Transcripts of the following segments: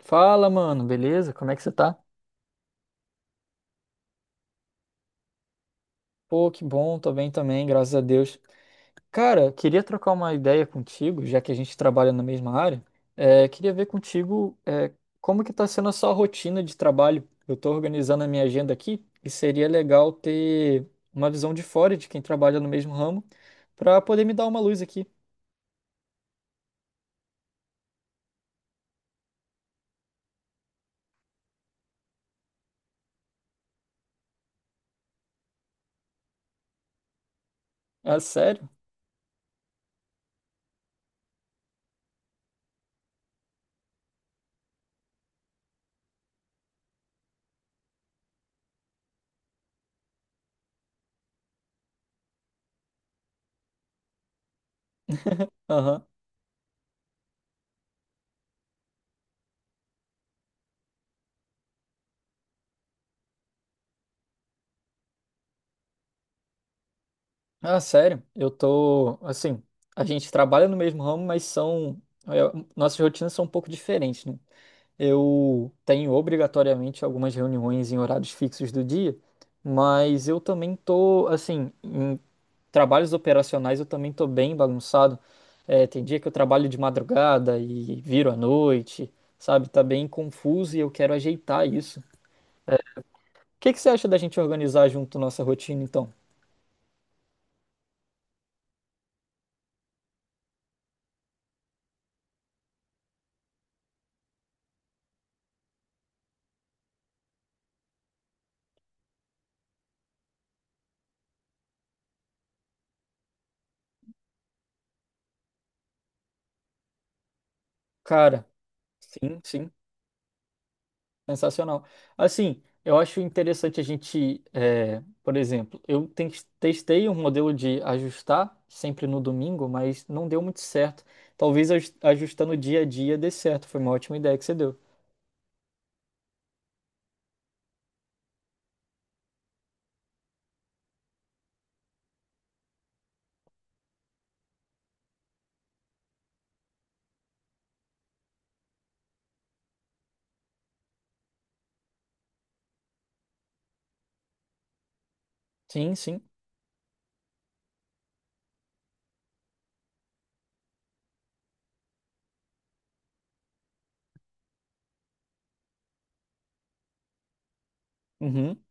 Fala, mano, beleza? Como é que você tá? Pô, que bom, tô bem também, graças a Deus. Cara, queria trocar uma ideia contigo, já que a gente trabalha na mesma área. É, queria ver contigo, como que tá sendo a sua rotina de trabalho. Eu tô organizando a minha agenda aqui e seria legal ter uma visão de fora de quem trabalha no mesmo ramo pra poder me dar uma luz aqui. Ah, sério? Aham. Ah, sério? Eu tô, assim, a gente trabalha no mesmo ramo, mas são, é, nossas rotinas são um pouco diferentes, né? Eu tenho obrigatoriamente algumas reuniões em horários fixos do dia, mas eu também tô, assim, em trabalhos operacionais eu também tô bem bagunçado. Tem dia que eu trabalho de madrugada e viro à noite, sabe? Tá bem confuso e eu quero ajeitar isso. O que que você acha da gente organizar junto nossa rotina, então? Cara, sim, sim. Sensacional. Assim, eu acho interessante a gente, por exemplo, testei um modelo de ajustar sempre no domingo, mas não deu muito certo. Talvez ajustando dia a dia dê certo. Foi uma ótima ideia que você deu. Sim, sim. Uhum.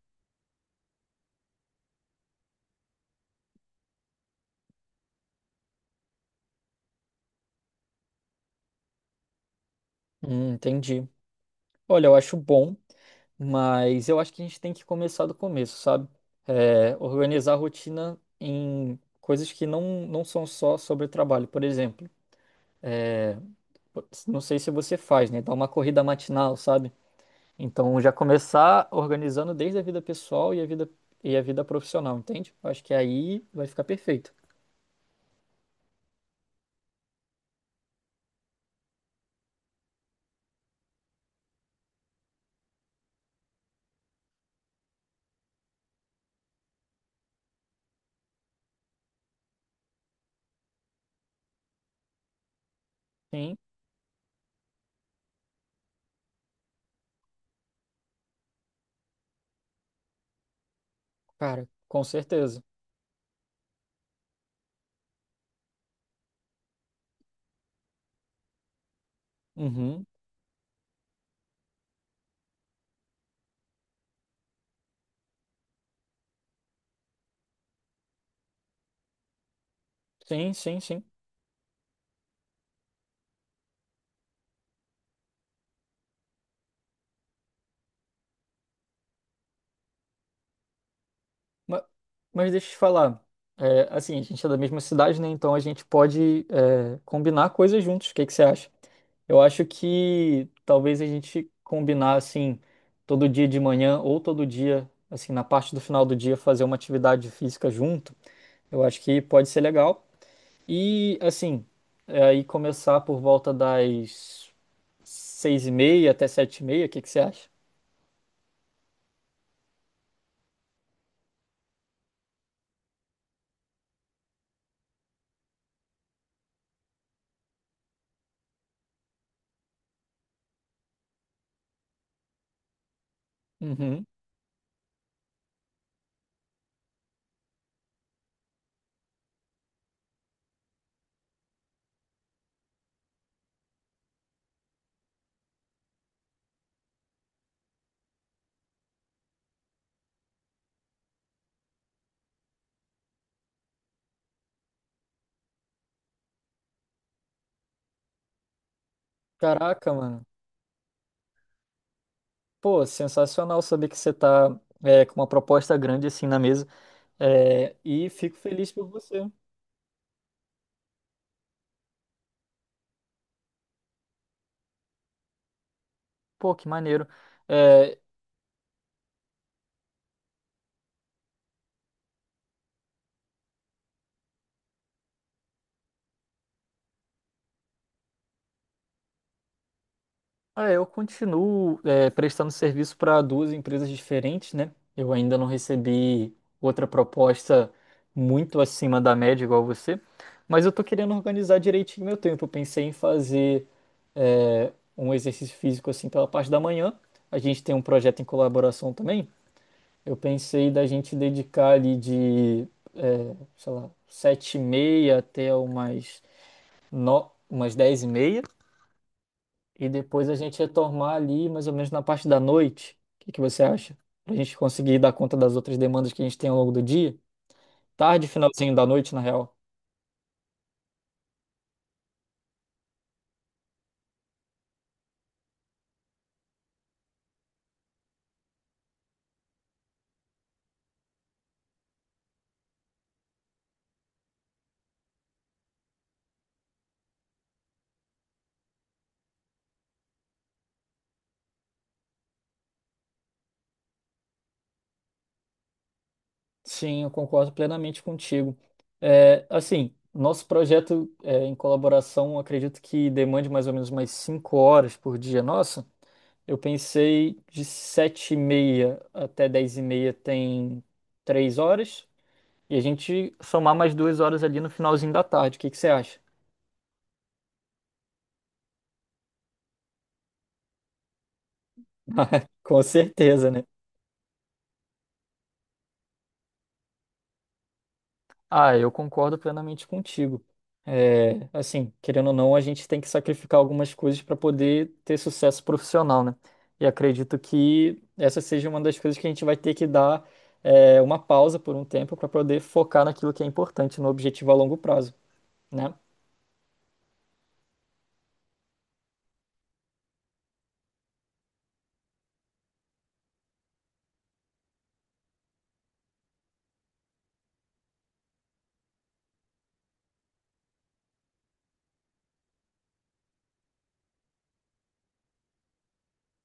Entendi. Olha, eu acho bom, mas eu acho que a gente tem que começar do começo, sabe? Organizar a rotina em coisas que não são só sobre trabalho. Por exemplo. eh, Não sei se você faz, né? Dá uma corrida matinal, sabe? Então já começar organizando desde a vida pessoal e a vida profissional, entende? Eu acho que aí vai ficar perfeito. Sim, cara, com certeza. Uhum. Sim, sim, sim. Ma- Mas deixa eu te falar. Assim, a gente é da mesma cidade, né? Então a gente pode, combinar coisas juntos. O que que você acha? Eu acho que talvez a gente combinar, assim, todo dia de manhã ou todo dia, assim, na parte do final do dia, fazer uma atividade física junto. Eu acho que pode ser legal. E, assim, aí começar por volta das 6:30 até 7:30. O que que você acha? Uhum. Caraca, mano. Pô, sensacional saber que você tá com uma proposta grande assim na mesa. É, e fico feliz por você. Pô, que maneiro. É, ah, eu continuo prestando serviço para duas empresas diferentes, né? Eu ainda não recebi outra proposta muito acima da média igual você, mas eu tô querendo organizar direitinho meu tempo. Eu pensei em fazer um exercício físico assim pela parte da manhã. A gente tem um projeto em colaboração também. Eu pensei da gente dedicar ali de, sei lá, 7:30 até umas, no... umas 10:30. E depois a gente retomar ali mais ou menos na parte da noite. O que que você acha? Pra gente conseguir dar conta das outras demandas que a gente tem ao longo do dia. Tarde, finalzinho da noite, na real. Sim, eu concordo plenamente contigo. Assim, nosso projeto é, em colaboração, acredito que demande mais ou menos umas 5 horas por dia nossa. Eu pensei de 7:30 até 10:30 tem 3 horas. E a gente somar mais 2 horas ali no finalzinho da tarde. O que que você acha? Com certeza, né? Ah, eu concordo plenamente contigo. Assim, querendo ou não, a gente tem que sacrificar algumas coisas para poder ter sucesso profissional, né? E acredito que essa seja uma das coisas que a gente vai ter que dar, uma pausa por um tempo para poder focar naquilo que é importante, no objetivo a longo prazo, né?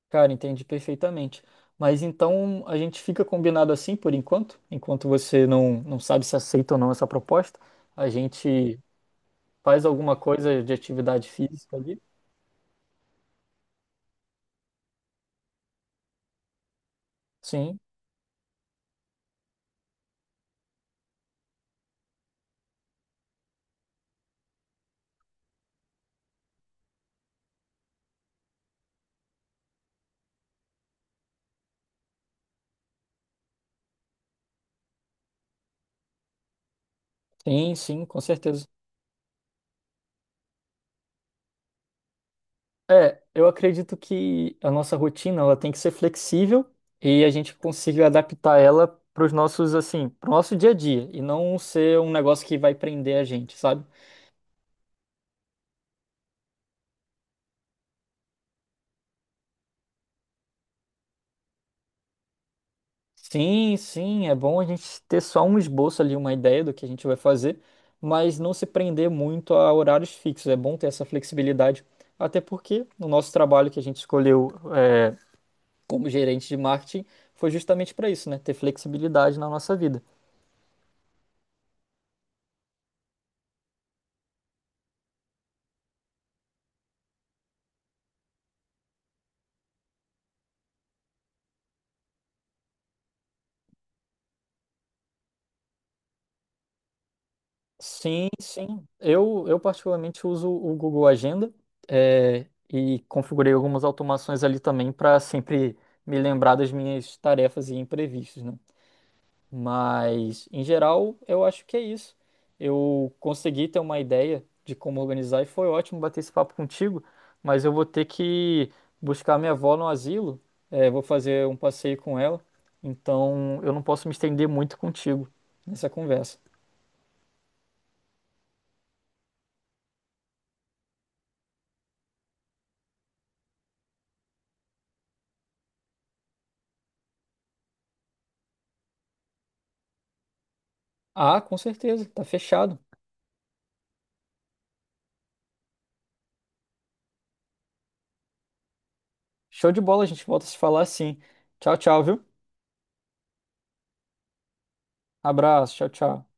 Cara, entendi perfeitamente. Mas então a gente fica combinado assim por enquanto, enquanto você não sabe se aceita ou não essa proposta, a gente faz alguma coisa de atividade física ali. Sim, sim, sim, com certeza. Eu acredito que a nossa rotina ela tem que ser flexível e a gente consiga adaptar ela para o nosso dia a dia e não ser um negócio que vai prender a gente, sabe? Sim, sim, é bom a gente ter só um esboço ali, uma ideia do que a gente vai fazer, mas não se prender muito a horários fixos. É bom ter essa flexibilidade, até porque no nosso trabalho que a gente escolheu é, como gerente de marketing foi justamente para isso, né? Ter flexibilidade na nossa vida. Sim, sim. Eu particularmente uso o Google Agenda, é, e configurei algumas automações ali também para sempre me lembrar das minhas tarefas e imprevistos, né? Mas, em geral, eu acho que é isso. Eu consegui ter uma ideia de como organizar e foi ótimo bater esse papo contigo, mas eu vou ter que buscar minha avó no asilo, vou fazer um passeio com ela, então eu não posso me estender muito contigo nessa conversa. Ah, com certeza, tá fechado. Show de bola, a gente volta a se falar assim. Tchau, tchau, viu? Abraço, tchau, tchau.